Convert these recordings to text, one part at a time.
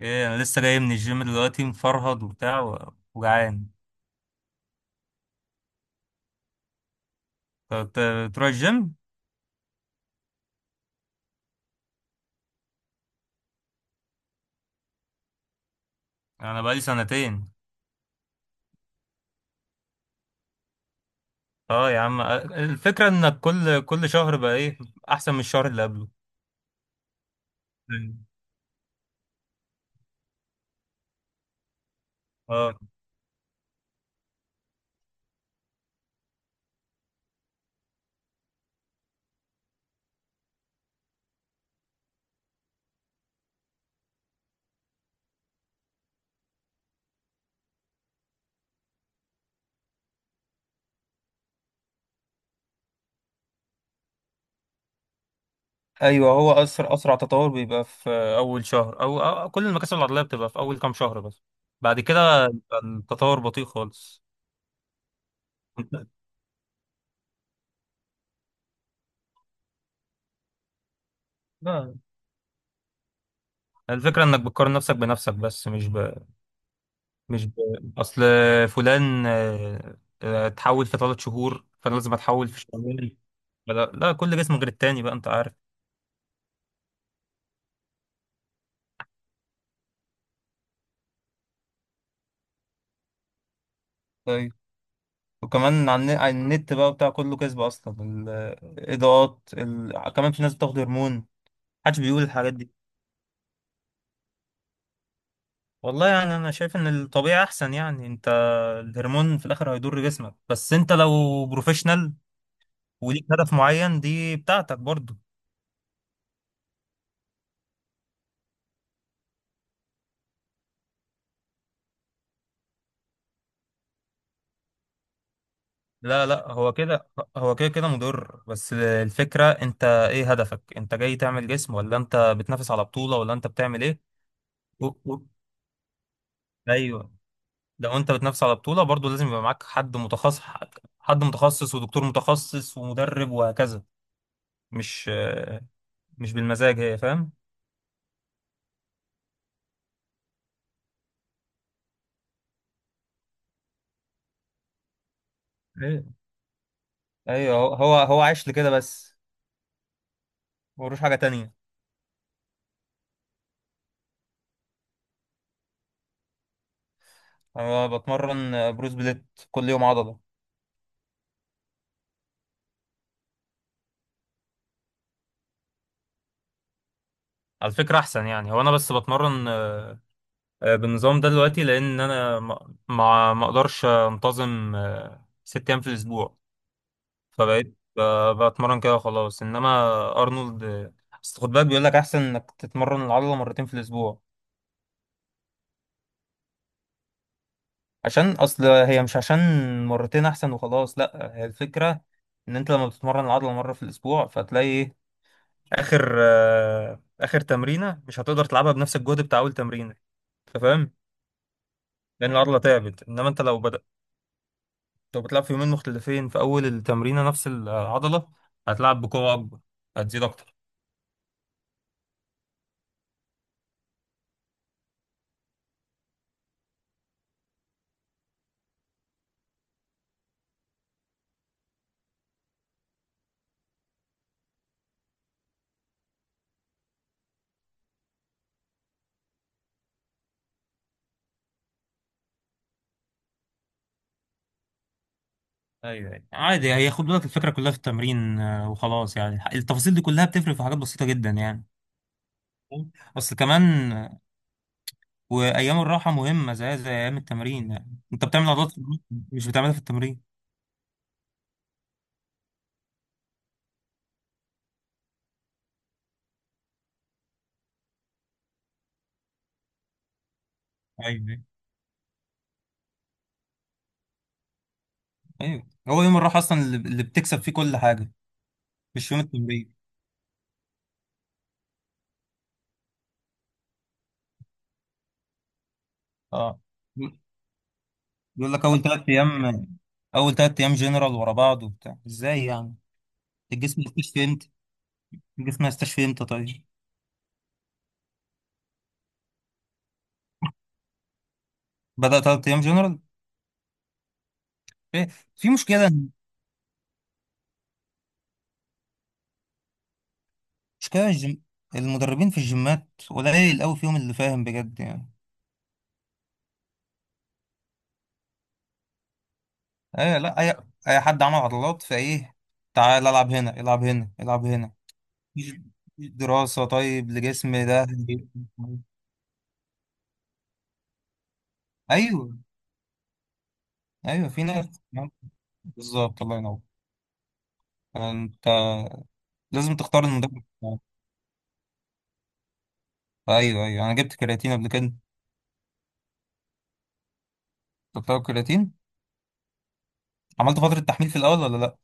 ايه، انا لسه جاي من الجيم دلوقتي مفرهد وبتاع وجعان. تروح الجيم؟ انا بقالي سنتين. اه يا عم، الفكره انك كل شهر بقى ايه احسن من الشهر اللي قبله. أيوة. اه، ايوه، هو اسرع تطور بيبقى في اول شهر او كل المكاسب العضليه بتبقى في اول كام شهر بس. بعد كده التطور بطيء خالص. أنت- آه. الفكره انك بتقارن نفسك بنفسك بس مش ب... اصل فلان، اتحول في 3 شهور، فانا لازم اتحول في شهرين. لا، كل جسم غير التاني، بقى انت عارف. طيب، وكمان على النت بقى بتاع كله كذب اصلا. الاضاءات، كمان في ناس بتاخد هرمون، محدش بيقول الحاجات دي. والله يعني انا شايف ان الطبيعي احسن. يعني انت الهرمون في الاخر هيضر جسمك، بس انت لو بروفيشنال وليك هدف معين دي بتاعتك برضه. لا لا، هو كده. هو كده كده مضر، بس الفكرة انت ايه هدفك؟ انت جاي تعمل جسم ولا انت بتنافس على بطولة ولا انت بتعمل ايه؟ و... و... ايوه، لو انت بتنافس على بطولة برضو لازم يبقى معاك حد متخصص. حد متخصص ودكتور متخصص ومدرب وهكذا. مش مش بالمزاج، هي فاهم. ايوه ايوه، هو عايش لكده بس، ملوش حاجة تانية. انا بتمرن بروس بليت، كل يوم عضلة. على فكرة احسن. يعني هو انا بس بتمرن بالنظام ده دلوقتي لان انا ما اقدرش انتظم 6 ايام في الاسبوع. فبقيت بتمرن كده خلاص. انما ارنولد، اصل خد بالك بيقول لك احسن انك تتمرن العضله مرتين في الاسبوع. عشان اصل هي مش عشان مرتين احسن وخلاص، لا هي الفكره ان انت لما بتتمرن العضله مره في الاسبوع فتلاقي ايه اخر تمرينه مش هتقدر تلعبها بنفس الجهد بتاع اول تمرينه، انت فاهم؟ لان العضله تعبت. انما انت لو بدأ، لو بتلعب في يومين مختلفين في أول التمرينة نفس العضلة هتلعب بقوة أكبر، هتزيد أكتر. ايوه ايوه عادي. هي خد بالك الفكره كلها في التمرين وخلاص. يعني التفاصيل دي كلها بتفرق في حاجات بسيطه جدا يعني. فاهم؟ اصل كمان، وايام الراحه مهمه زي ايام التمرين. يعني انت بتعمل عضلات في البيت، مش بتعملها في التمرين. ايوه ايوه. أيوة. هو يوم الراحه اصلا اللي بتكسب فيه كل حاجه، مش يوم التمرين. اه. يقول لك اول 3 ايام، اول 3 ايام جنرال ورا بعض وبتاع ازاي يعني؟ الجسم مش فهمت. تيجي في مستشفى امتى طيب؟ بدأ 3 ايام جنرال. في في مشكله. مشكله المدربين في الجيمات قليل قوي فيهم اللي فاهم بجد يعني. ايه، لا، اي حد عمل عضلات فايه، تعال العب هنا، العب هنا، العب هنا. مفيش مفيش دراسه طيب لجسم ده. ايوه ايوه، في ناس. بالظبط، الله ينور. انت لازم تختار المدرب بتاعك. ايوه ايوه، انا جبت كرياتين قبل كده. كنت بتاخد كرياتين. عملت فتره تحميل في الاول ولا لا؟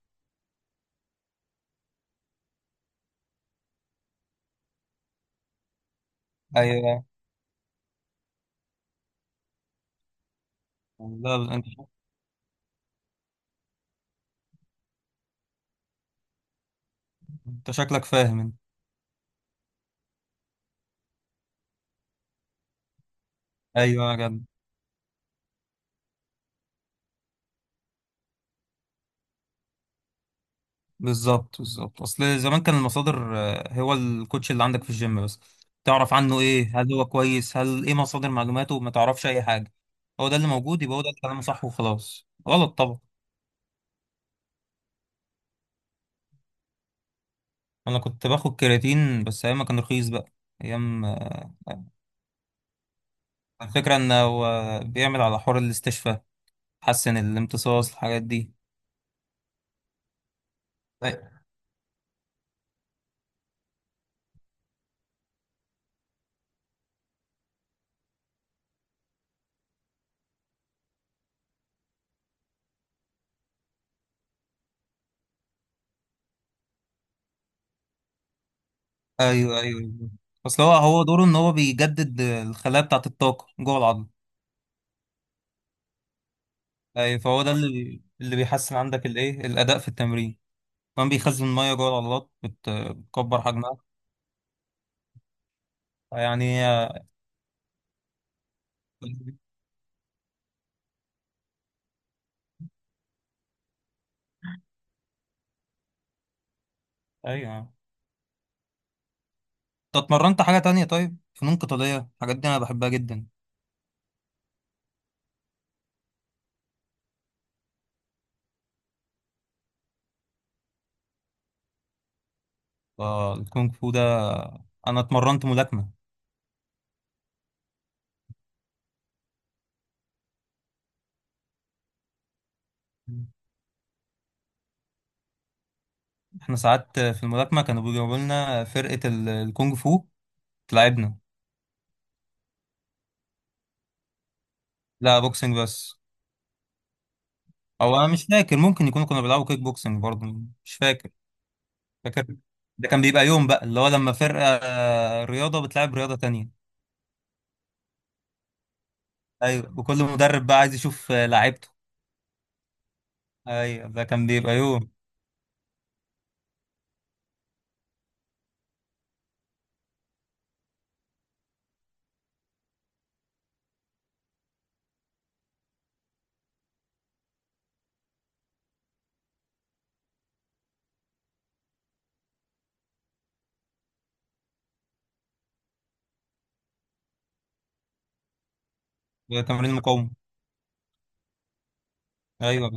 ايوه. لا لا، انت شكلك فاهم انت. ايوه يا جدع، بالظبط بالظبط. اصل زمان كان المصادر هو الكوتش اللي عندك في الجيم بس. تعرف عنه ايه؟ هل هو كويس؟ هل ايه مصادر معلوماته؟ ما تعرفش اي حاجه، هو ده اللي موجود يبقى هو ده الكلام صح وخلاص. غلط طبعا. انا كنت باخد كرياتين بس ايام ما كان رخيص بقى. ايام الفكره انه هو بيعمل على حوار الاستشفاء، حسن الامتصاص، الحاجات دي. ايوه ايوه ايوه. اصل هو دوره ان هو بيجدد الخلايا بتاعه، الطاقه جوه العظم. اي، فهو ده اللي بيحسن عندك الايه الاداء في التمرين. كمان بيخزن الميه جوه العضلات، بتكبر حجمها يعني. ايوه. انت اتمرنت حاجه تانية طيب؟ فنون قتاليه، الحاجات دي انا بحبها جدا. فالكونغ فو ده، انا اتمرنت ملاكمه. احنا ساعات في الملاكمه كانوا بيجيبوا لنا فرقه الكونغ فو تلعبنا. لا، بوكسنج بس. او انا مش فاكر، ممكن يكونوا كانوا بيلعبوا كيك بوكسنج برضه، مش فاكر. فاكر، ده كان بيبقى يوم بقى اللي هو لما فرقة رياضة بتلعب رياضة تانية. ايوه، وكل مدرب بقى عايز يشوف لعيبته. ايوه، ده كان بيبقى يوم. ده تمرين المقاومة. ايوه،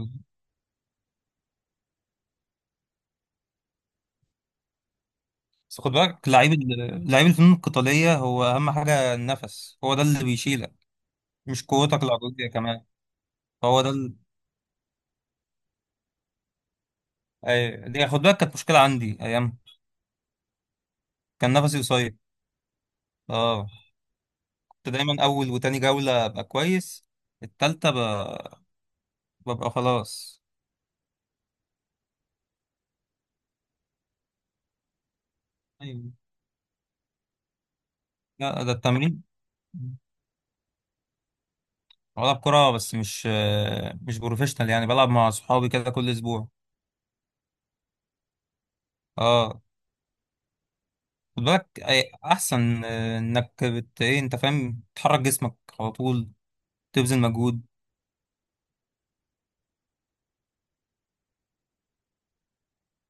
بس خد بالك لعيب لعيب الفنون القتالية هو اهم حاجة النفس، هو ده اللي بيشيلك، مش قوتك العضلية كمان. فهو ده ايوه، دي خد بالك كانت مشكلة عندي ايام، كان نفسي قصير. اه. كنت دايما اول وتاني جولة ابقى كويس. التالتة ببقى خلاص. ايوه. لا، ده التمرين. بلعب كرة، بس مش بروفيشنال، يعني بلعب مع صحابي كده كل اسبوع. اه. خد بالك احسن انك بت ايه انت فاهم، تحرك جسمك على طول، تبذل مجهود.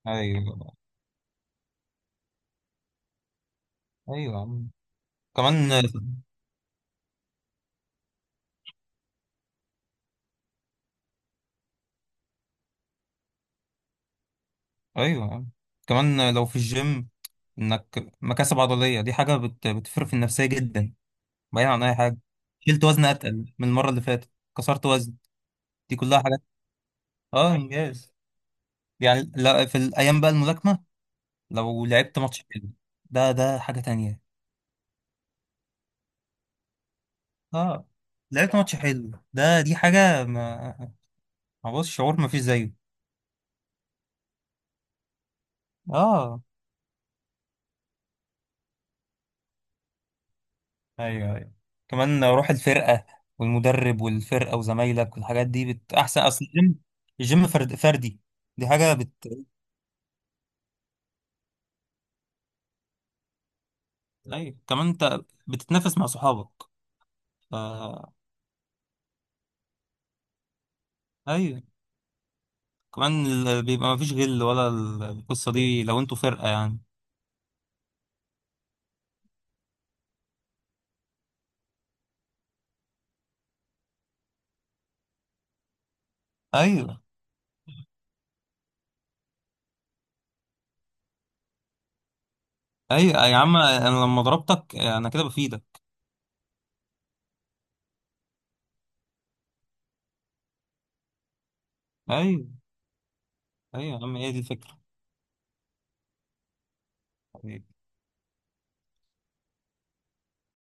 ايوه ايوه يا عم. كمان. ايوه يا عم، كمان لو في الجيم انك مكاسب عضلية دي حاجة بتفرق في النفسية جدا، بعيد عن اي حاجة. شلت وزن اتقل من المرة اللي فاتت، كسرت وزن، دي كلها حاجات. اه، انجاز، يعني. لا، في الايام بقى الملاكمة، لو لعبت ماتش حلو ده حاجة تانية. اه. لعبت ماتش حلو، ده دي حاجة ما، ما بص شعور ما فيش زيه. اه. ايوه ايوه. كمان روح الفرقة والمدرب والفرقة وزمايلك والحاجات دي احسن. اصل الجيم فرد فردي، دي حاجة بت. ايوه كمان انت بتتنافس مع صحابك ف... ايوه. كمان بيبقى ما فيش غل، ولا القصة دي لو انتوا فرقة يعني. ايوه ايوه يا عم، انا لما ضربتك انا كده بفيدك. ايوه ايوه يا عم، هي دي الفكره، يعني.